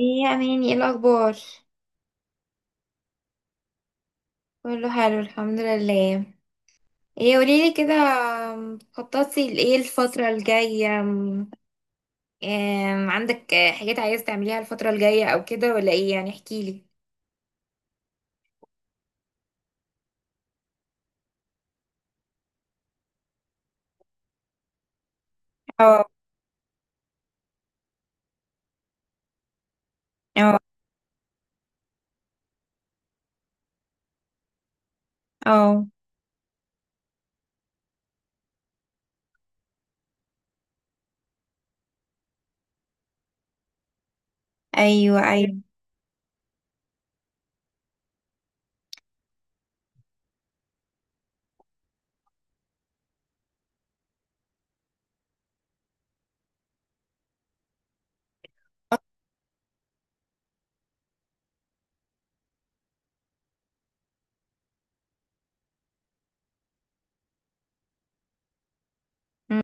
ايه يا اماني، ايه الاخبار؟ كله حلو، الحمد لله. ايه، قوليلي كده. خططتي لايه الفتره الجايه؟ عندك حاجات عايزه تعمليها الفتره الجايه او كده، ولا ايه؟ يعني احكيلي. اه، اه، اه. ايوه، ايوه. أمم.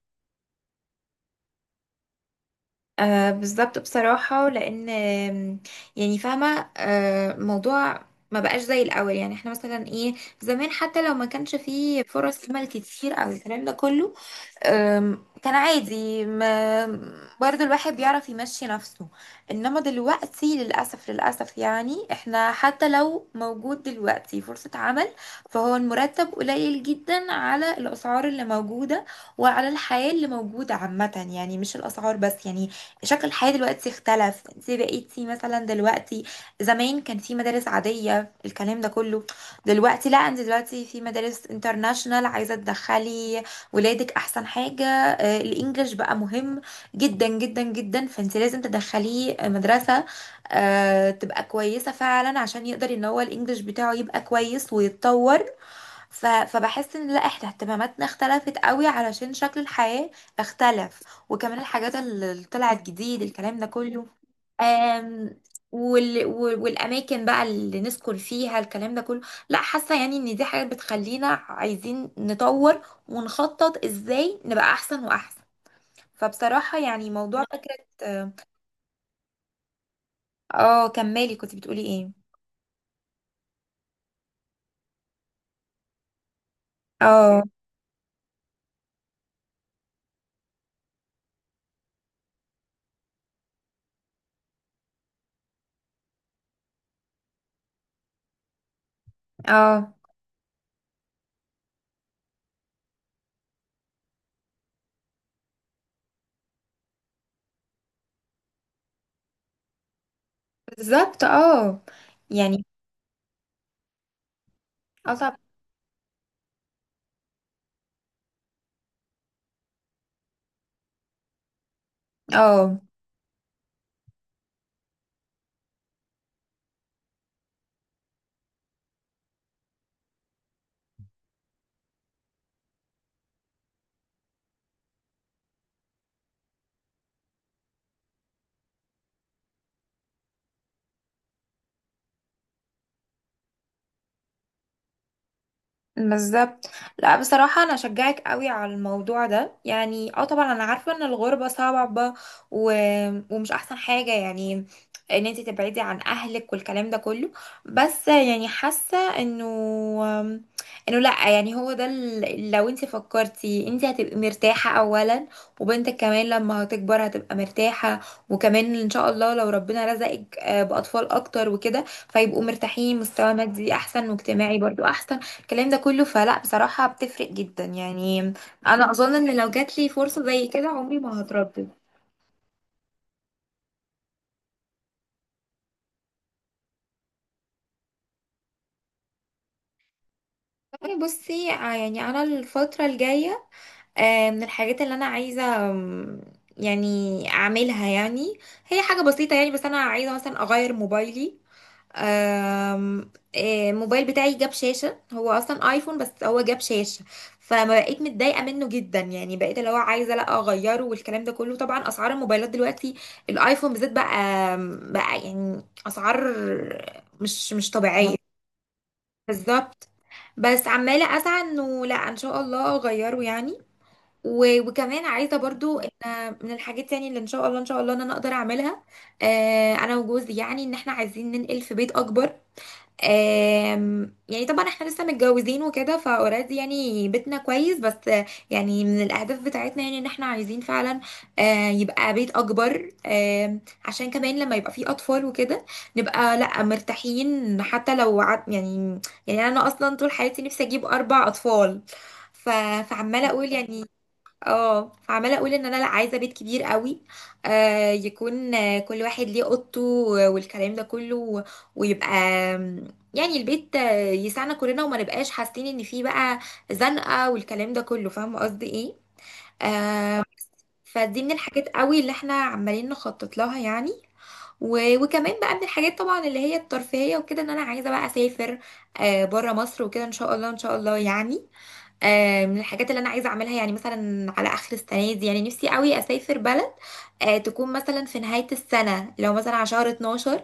آه، بالظبط، بصراحه لان يعني فاهمه، موضوع ما بقاش زي الاول. يعني احنا مثلا ايه، زمان حتى لو ما كانش فيه فرص عمل كتير او الكلام ده كله، كان عادي. ما برضو الواحد بيعرف يمشي نفسه، انما دلوقتي للأسف للأسف. يعني احنا حتى لو موجود دلوقتي فرصة عمل، فهو المرتب قليل جدا على الأسعار اللي موجودة وعلى الحياة اللي موجودة عامة، يعني مش الأسعار بس. يعني شكل الحياة دلوقتي اختلف، انت بقيتي مثلا دلوقتي، زمان كان في مدارس عادية الكلام ده كله، دلوقتي لا، انت دلوقتي في مدارس انترناشنال عايزة تدخلي ولادك احسن حاجة. الانجليش بقى مهم جدا جدا جدا، فانت لازم تدخليه مدرسة تبقى كويسة فعلا، عشان يقدر ان هو الانجليش بتاعه يبقى كويس ويتطور. فبحس ان لا، احنا اهتماماتنا اختلفت قوي علشان شكل الحياة اختلف، وكمان الحاجات اللي طلعت جديد الكلام ده كله. آم... والاماكن بقى اللي نسكن فيها الكلام ده كله، لا، حاسة يعني ان دي حاجات بتخلينا عايزين نطور ونخطط ازاي نبقى احسن واحسن. فبصراحة يعني موضوع فكرة. اه، كملي، كنت بتقولي ايه؟ اه. اه. بالظبط، اه. يعني، اه. طب. اه، بالظبط. لا بصراحة، أنا أشجعك قوي على الموضوع ده، يعني اه طبعا أنا عارفة إن الغربة صعبة و... ومش أحسن حاجة، يعني إن انتي تبعدي عن أهلك والكلام ده كله، بس يعني حاسة إنه لأ. يعني هو ده لو انتي فكرتي، انتي هتبقي مرتاحة أولا، وبنتك كمان لما هتكبر هتبقى مرتاحة، وكمان إن شاء الله لو ربنا رزقك بأطفال أكتر وكده، فيبقوا مرتاحين، مستوى مادي أحسن واجتماعي برضو أحسن. الكلام ده كله، فلا بصراحة بتفرق جدا يعني. أنا أظن إن لو جات لي فرصة زي كده، عمري ما هتردد. يعني بصي يعني أنا الفترة الجاية، من الحاجات اللي أنا عايزة، يعني أعملها، يعني هي حاجة بسيطة يعني، بس أنا عايزة مثلا أغير موبايلي. الموبايل بتاعي جاب شاشة، هو أصلا آيفون بس هو جاب شاشة، فما بقيت متضايقة منه جدا، يعني بقيت اللي هو عايزة لا أغيره والكلام ده كله. طبعا أسعار الموبايلات دلوقتي، الآيفون بالذات، بقى يعني أسعار مش طبيعية. بالظبط. بس عمالة أسعى إنه لا، إن شاء الله أغيره يعني. وكمان عايزة برضو إن من الحاجات يعني اللي إن شاء الله إن شاء الله إن أنا أقدر أعملها، أنا وجوزي، يعني إن إحنا عايزين ننقل في بيت أكبر. يعني طبعا احنا لسه متجوزين وكده، فاوريدي يعني بيتنا كويس، بس يعني من الاهداف بتاعتنا يعني ان احنا عايزين فعلا يبقى بيت اكبر، عشان كمان لما يبقى فيه اطفال وكده نبقى لا مرتاحين حتى لو عد يعني. يعني انا اصلا طول حياتي نفسي اجيب اربع اطفال. ف... فعماله اقول يعني. اه، فعماله اقول ان انا لا عايزه بيت كبير قوي، يكون كل واحد ليه اوضته والكلام ده كله. ويبقى آم، يعني البيت يسعنا كلنا، وما نبقاش حاسين ان فيه بقى زنقه والكلام ده كله، فاهمه قصدي ايه. فدي من الحاجات قوي اللي احنا عمالين نخطط لها يعني. وكمان بقى من الحاجات طبعا اللي هي الترفيهيه وكده، ان انا عايزه بقى اسافر بره مصر وكده، ان شاء الله ان شاء الله يعني. من الحاجات اللي انا عايزه اعملها، يعني مثلا على اخر السنه دي، يعني نفسي قوي اسافر بلد تكون مثلا في نهايه السنه، لو مثلا على شهر 12،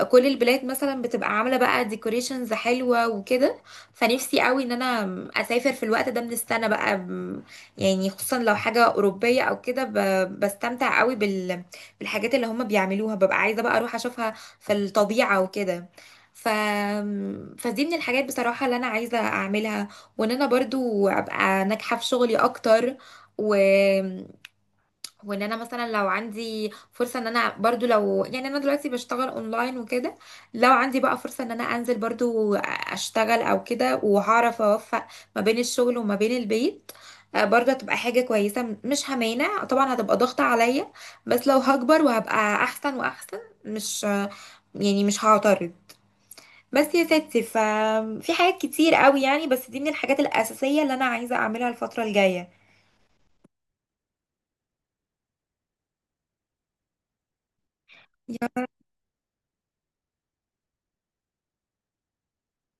كل البلاد مثلا بتبقى عامله بقى ديكوريشنز حلوه وكده. فنفسي قوي ان انا اسافر في الوقت ده من السنه بقى. يعني خصوصا لو حاجه اوروبيه او كده، بستمتع قوي بال، بالحاجات اللي هم بيعملوها، ببقى عايزه بقى اروح اشوفها في الطبيعه وكده. ف... فدي من الحاجات بصراحة اللي أنا عايزة أعملها، وان انا برضو ابقى ناجحة في شغلي اكتر، و... وان انا مثلا لو عندي فرصة ان انا برضو، لو يعني انا دلوقتي بشتغل اونلاين وكده، لو عندي بقى فرصة ان انا انزل برضو اشتغل او كده، وهعرف اوفق ما بين الشغل وما بين البيت، برضه هتبقى حاجة كويسة، مش همانع طبعا، هتبقى ضغطة عليا بس لو هكبر وهبقى احسن واحسن، مش، يعني مش هعترض. بس يا ستي، ففي حاجات كتير قوي يعني، بس دي من الحاجات الأساسية اللي أنا عايزة أعملها الفترة الجاية. يا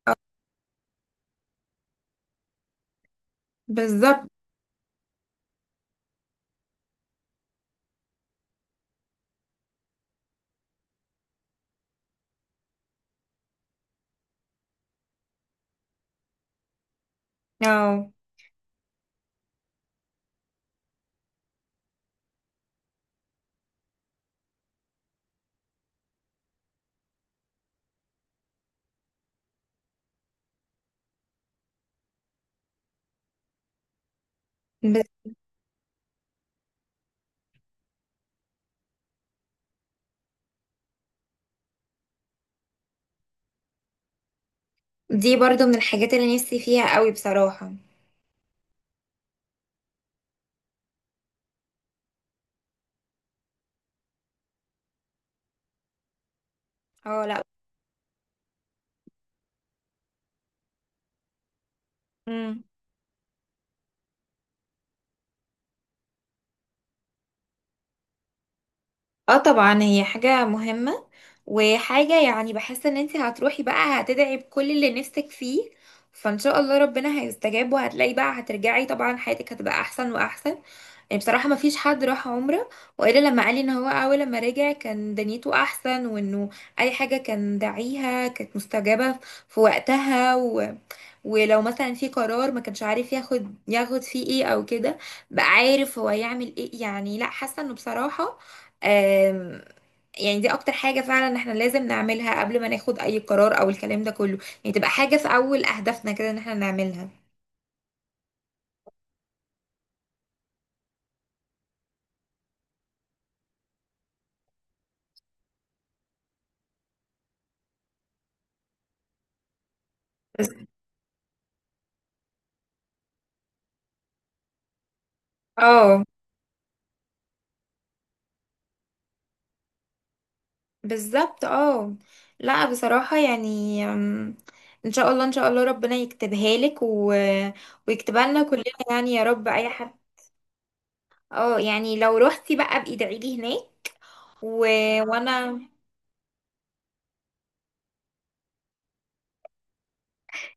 رب. بالظبط. اه. بس دي برضو من الحاجات اللي نفسي فيها قوي بصراحة. اه، لا. مم. اه طبعا، هي حاجة مهمة، وحاجة يعني بحس ان انت هتروحي بقى هتدعي بكل اللي نفسك فيه، فان شاء الله ربنا هيستجاب، وهتلاقي بقى هترجعي طبعا حياتك هتبقى احسن واحسن. يعني بصراحة ما فيش حد راح عمرة وإلا لما قال لي إن هو، أول لما رجع كان دنيته أحسن، وإنه أي حاجة كان داعيها كانت مستجابة في وقتها، ولو مثلا في قرار ما كانش عارف ياخد، فيه إيه أو كده، بقى عارف هو يعمل إيه. يعني لأ، حاسة إنه بصراحة، آم... يعني دي أكتر حاجة فعلا إحنا لازم نعملها قبل ما ناخد أي قرار أو الكلام ده كله، يعني تبقى حاجة في أول أهدافنا كده إن إحنا نعملها. بس. اه، بالظبط. اه، لا بصراحة يعني، ان شاء الله ان شاء الله ربنا يكتبها لك، ويكتبها لنا كلنا. يعني يا رب اي حد. اه، يعني لو روحتي بقى، ادعي لي هناك و... وانا.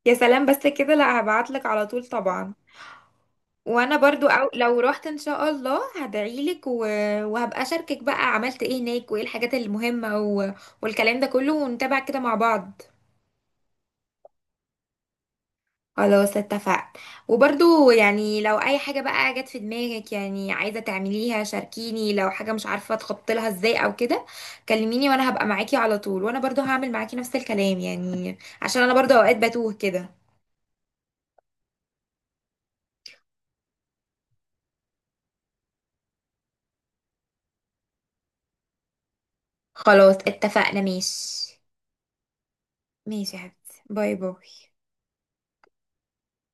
يا سلام، بس كده، لا، هبعت لك على طول طبعا. وانا برضو لو روحت ان شاء الله هدعي لك، وهبقى اشاركك بقى عملت ايه هناك وايه الحاجات المهمة، والكلام ده كله، ونتابع كده مع بعض. خلاص، اتفقنا. وبرضو يعني لو اي حاجة بقى جت في دماغك يعني عايزة تعمليها شاركيني، لو حاجة مش عارفة تخطط لها ازاي او كده كلميني، وانا هبقى معاكي على طول، وانا برضو هعمل معاكي نفس الكلام، يعني عشان انا برضو اوقات بتوه كده. خلاص، اتفقنا، ماشي. ماشي يا حبيبتي، باي باي.